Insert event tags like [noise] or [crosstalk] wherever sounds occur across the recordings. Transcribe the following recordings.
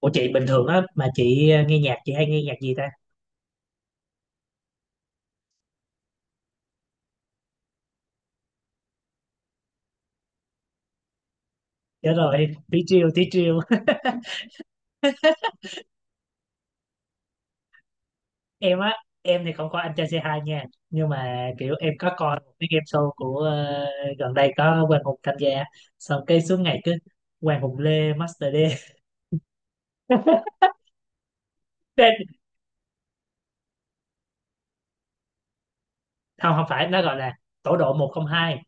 Ủa chị bình thường á mà chị nghe nhạc chị hay nghe nhạc gì ta? Chết rồi, [laughs] tí chiêu tí chiêu. [laughs] Em á, em thì không có anh trai c hai nha, nhưng mà kiểu em có coi một cái game show của gần đây có Quang Hùng tham gia, xong cái suốt ngày cứ Quang Hùng Lê Master D. [laughs] Thế- Không, không phải, nó gọi là tổ độ 102.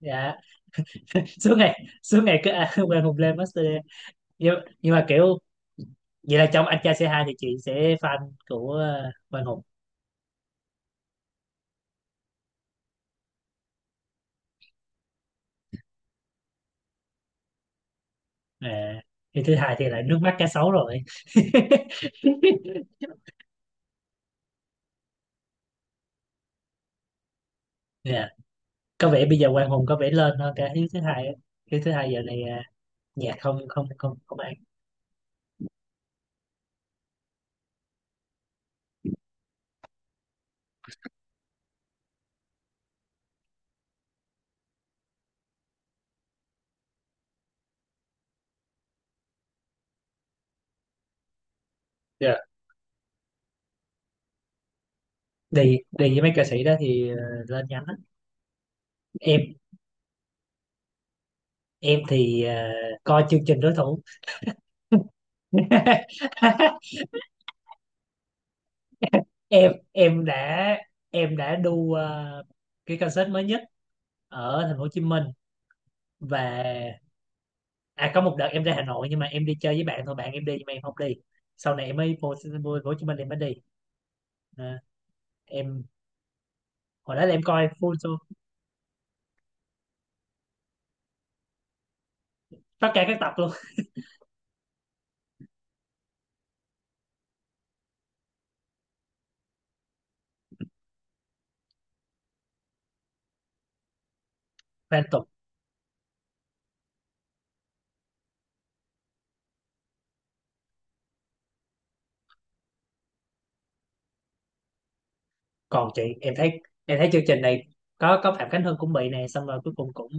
Dạ. [laughs] Suốt ngày cứ à, [laughs] Quang Hùng Lê Master D. Nhưng, nhưng mà kiểu vậy là trong anh trai c hai thì chị sẽ fan của Quang Hùng. À, thì thứ hai thì lại nước mắt cá sấu rồi. [laughs] Nè, có vẻ bây giờ Quang Hùng có vẻ lên hơn cả Hiếu thứ hai á. Hiếu thứ hai giờ này à, nhạc không không không không ăn. Yeah. đi đi với mấy ca sĩ đó thì lên nhanh lắm. Em em thì coi chương trình đối thủ. [laughs] em em đã em đã đu cái concert mới nhất ở thành phố Hồ Chí Minh. Và à, có một đợt em ra Hà Nội nhưng mà em đi chơi với bạn thôi, bạn em đi nhưng mà em không đi. Sau này em mới vô Hồ Chí Minh em mới đi. À, em hồi đó là em coi full show tất cả các tập luôn. [laughs] Liên tục. Còn chị, em thấy chương trình này có Phạm Khánh Hưng cũng bị này, xong rồi cuối cùng cũng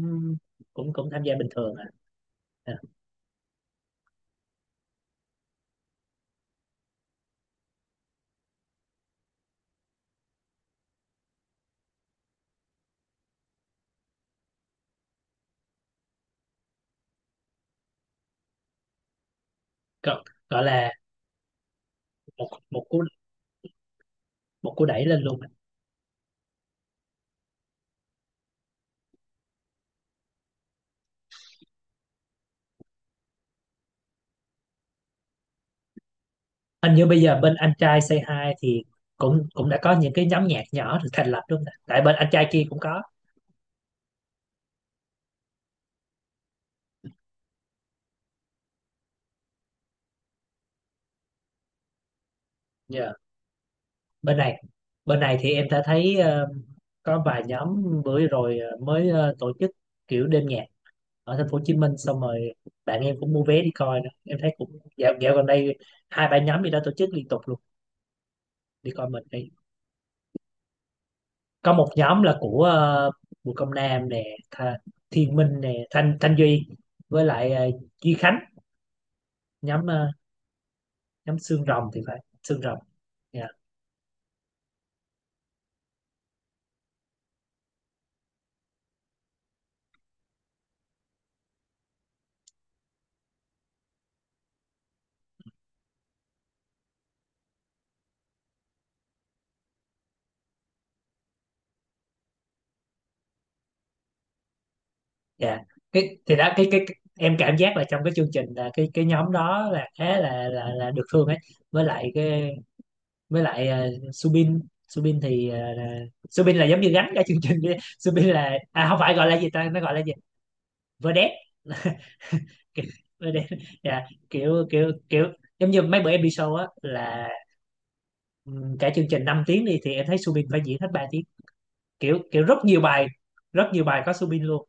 cũng cũng tham gia bình thường à, à, gọi, gọi là một một cú đẩy lên luôn. Hình như bây giờ bên anh trai Say Hi thì cũng cũng đã có những cái nhóm nhạc nhỏ được thành lập luôn, tại bên anh trai kia cũng có. Dạ. bên này bên này thì em đã thấy có vài nhóm, bữa rồi mới tổ chức kiểu đêm nhạc ở thành phố Hồ Chí Minh. Xong rồi bạn em cũng mua vé đi coi nữa, em thấy cũng dạo dạo gần đây hai ba nhóm gì đó tổ chức liên tục luôn. Đi coi mình đi. Có một nhóm là của Bùi Công Nam nè, Tha, Thiên Minh nè, Thanh Thanh Duy, với lại Duy Khánh, nhóm ờ, nhóm Xương Rồng thì phải, Xương Rồng. Dạ. Dạ, cái thì đó cái- em cảm giác là trong cái chương trình, là cái nhóm đó là khá là được thương ấy. Với lại cái, với lại Subin. Subin thì Subin là giống như gánh cả chương trình đi. [laughs] Subin là, à, không phải, gọi là gì ta, nó gọi là gì, vedette. Kiểu- Vedette. Dạ. Kiểu kiểu kiểu giống như mấy bữa em đi show á, là cả chương trình 5 tiếng đi thì em thấy Subin phải diễn hết 3 tiếng. Kiểu kiểu rất nhiều bài, rất nhiều bài có Subin luôn.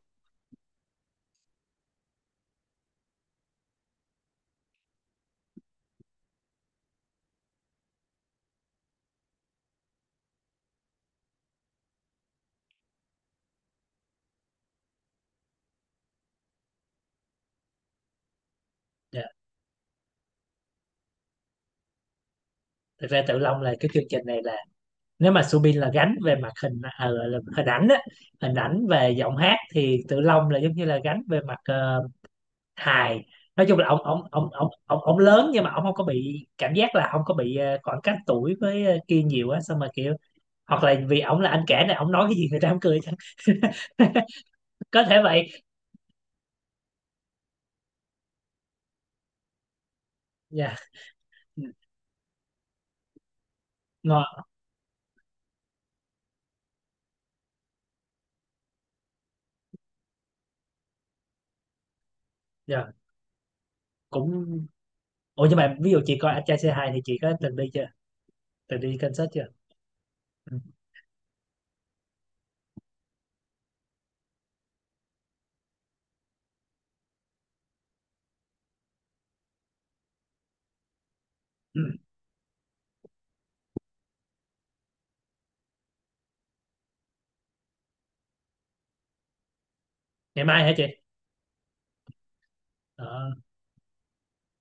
Dạ. Thực ra Tự Long là cái chương trình này, nếu mà Subin là gánh về mặt hình là hình ảnh á, hình ảnh về giọng hát, thì Tự Long là giống như là gánh về mặt hài. Nói chung là ông ông lớn nhưng mà ông không có bị cảm giác là không có bị khoảng cách tuổi với kia nhiều á, xong mà kiểu, hoặc là vì ông là anh cả này, ông nói cái gì người ta cũng cười chẳng. [laughs] Có thể vậy. Dạ. Ngon. Dạ cũng. Ủa nhưng mà ví dụ chị coi anh trai C2 thì chị có từng đi chưa, từng đi concert chưa? Ừ. Ừ. Ngày mai hả chị? Ờ.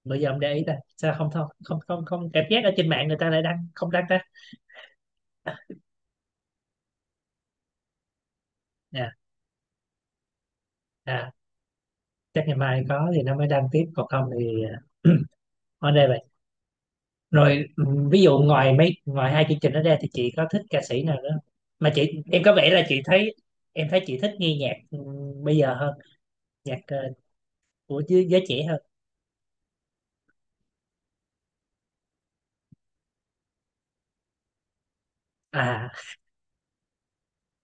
Bây giờ ông để ý ta sao không không không không không cảm giác ở trên mạng người ta lại đăng không đăng ta. Nè, à, chắc ngày mai có thì nó mới đăng tiếp, còn không thì [clears throat] ở đây vậy. Rồi ừ, ví dụ ngoài hai chương trình đó ra thì chị có thích ca sĩ nào nữa không? Mà chị, em có vẻ là chị thấy em thấy chị thích nghe nhạc, ừ, bây giờ hơn, nhạc của giới giới trẻ hơn. À,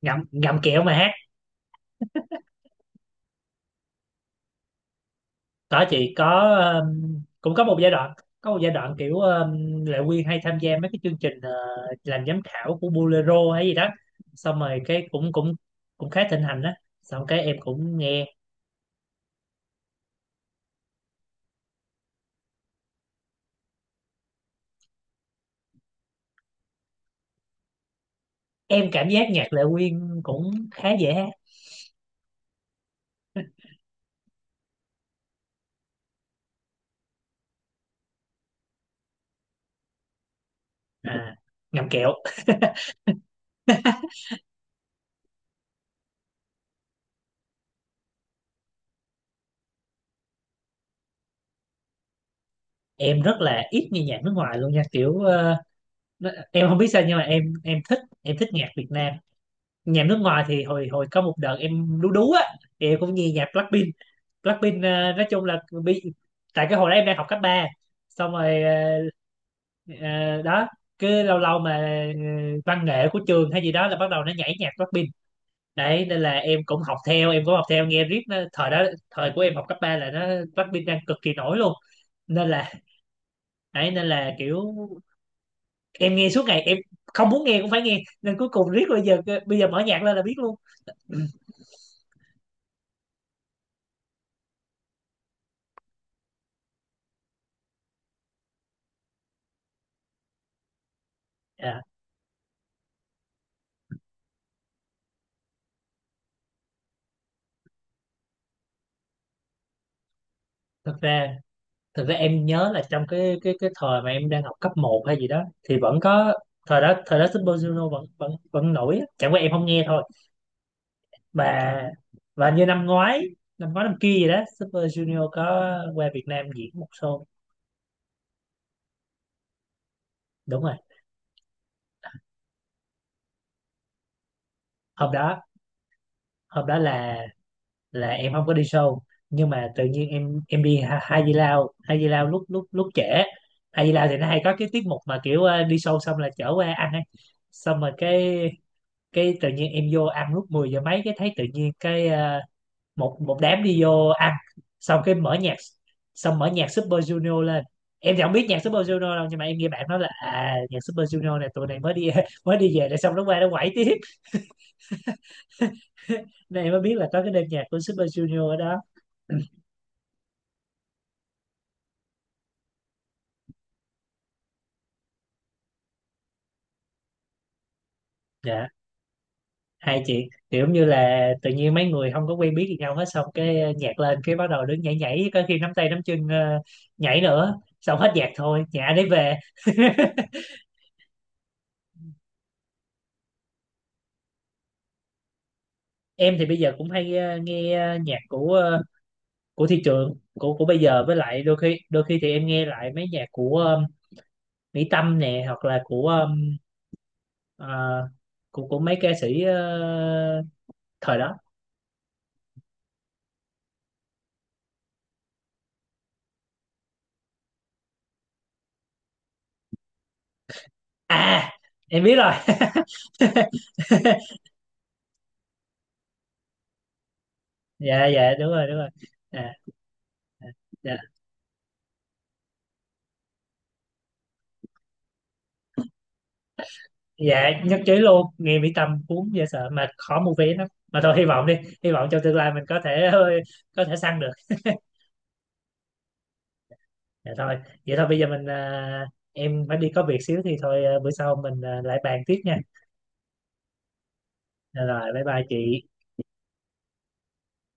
ngậm ngậm kẹo mà ha. Có, chị có cũng có một giai đoạn kiểu Lệ Quyên hay tham gia mấy cái chương trình làm giám khảo của Bolero hay gì đó, xong rồi cái cũng cũng cũng khá thịnh hành đó, xong cái em cũng nghe. Em cảm giác nhạc Lệ Quyên cũng khá dễ hát. À, ngậm kẹo. Em rất là ít nghe nhạc nước ngoài luôn nha, kiểu em không biết sao nhưng mà em thích nhạc Việt Nam. Nhạc nước ngoài thì hồi hồi có một đợt em đú đú á, thì em cũng nghe nhạc Blackpink. Blackpink nói chung là bị, tại cái hồi đó em đang học cấp ba, xong rồi ờ, đó. Cứ lâu lâu mà văn nghệ của trường hay gì đó là bắt đầu nó nhảy nhạc Blackpink. Đấy nên là em cũng học theo nghe riết nó, thời đó, thời của em học cấp 3 là nó Blackpink đang cực kỳ nổi luôn, nên là đấy. Nên là kiểu em nghe suốt ngày, em không muốn nghe cũng phải nghe, nên cuối cùng riết bây giờ mở nhạc lên là biết luôn. [clears throat] À, thật ra thực ra em nhớ là trong cái thời mà em đang học cấp một hay gì đó thì vẫn có, thời đó Super Junior vẫn vẫn vẫn nổi á. Chẳng qua em không nghe thôi. Và và như năm ngoái năm kia gì đó Super Junior có qua Việt Nam diễn một show. Đúng rồi. Hôm đó hôm đó là em không có đi show, nhưng mà tự nhiên em đi Hai Di Lao lúc lúc lúc trễ. Hai Di Lao thì nó hay có cái tiết mục mà kiểu đi show xong là chở qua ăn ấy. Xong rồi cái tự nhiên em vô ăn lúc 10 giờ mấy, cái thấy tự nhiên cái một một đám đi vô ăn, xong cái mở nhạc, xong mở nhạc Super Junior lên. Em thì không biết nhạc Super Junior đâu, nhưng mà em nghe bạn nói là, à, nhạc Super Junior này, tụi này mới đi [laughs] mới đi về rồi xong nó qua nó quẩy tiếp. [laughs] Nên em mới biết là có cái đêm nhạc của Super Junior ở đó. Dạ. Hai chị kiểu như là tự nhiên mấy người không có quen biết gì nhau hết, xong cái nhạc lên cái bắt đầu đứng nhảy nhảy, có khi nắm tay nắm chân nhảy nữa, xong hết nhạc thôi nhà đấy về. [laughs] Em thì bây giờ cũng hay nghe nhạc của của thị trường, của bây giờ, với lại đôi khi thì em nghe lại mấy nhạc của Mỹ Tâm nè, hoặc là của ờ, của mấy ca sĩ thời đó. À, em biết rồi. [laughs] Dạ, dạ đúng rồi, đúng rồi. À, à, dạ. Dạ nhất trí luôn, nghe Mỹ Tâm cuốn dễ sợ, mà khó mua vé lắm, mà thôi hy vọng đi, hy vọng trong tương lai mình có thể săn được. [laughs] Dạ thôi, vậy thôi bây giờ mình à, em phải đi có việc xíu thì thôi, à, bữa sau mình à, lại bàn tiếp nha. Dạ rồi, bye bye chị.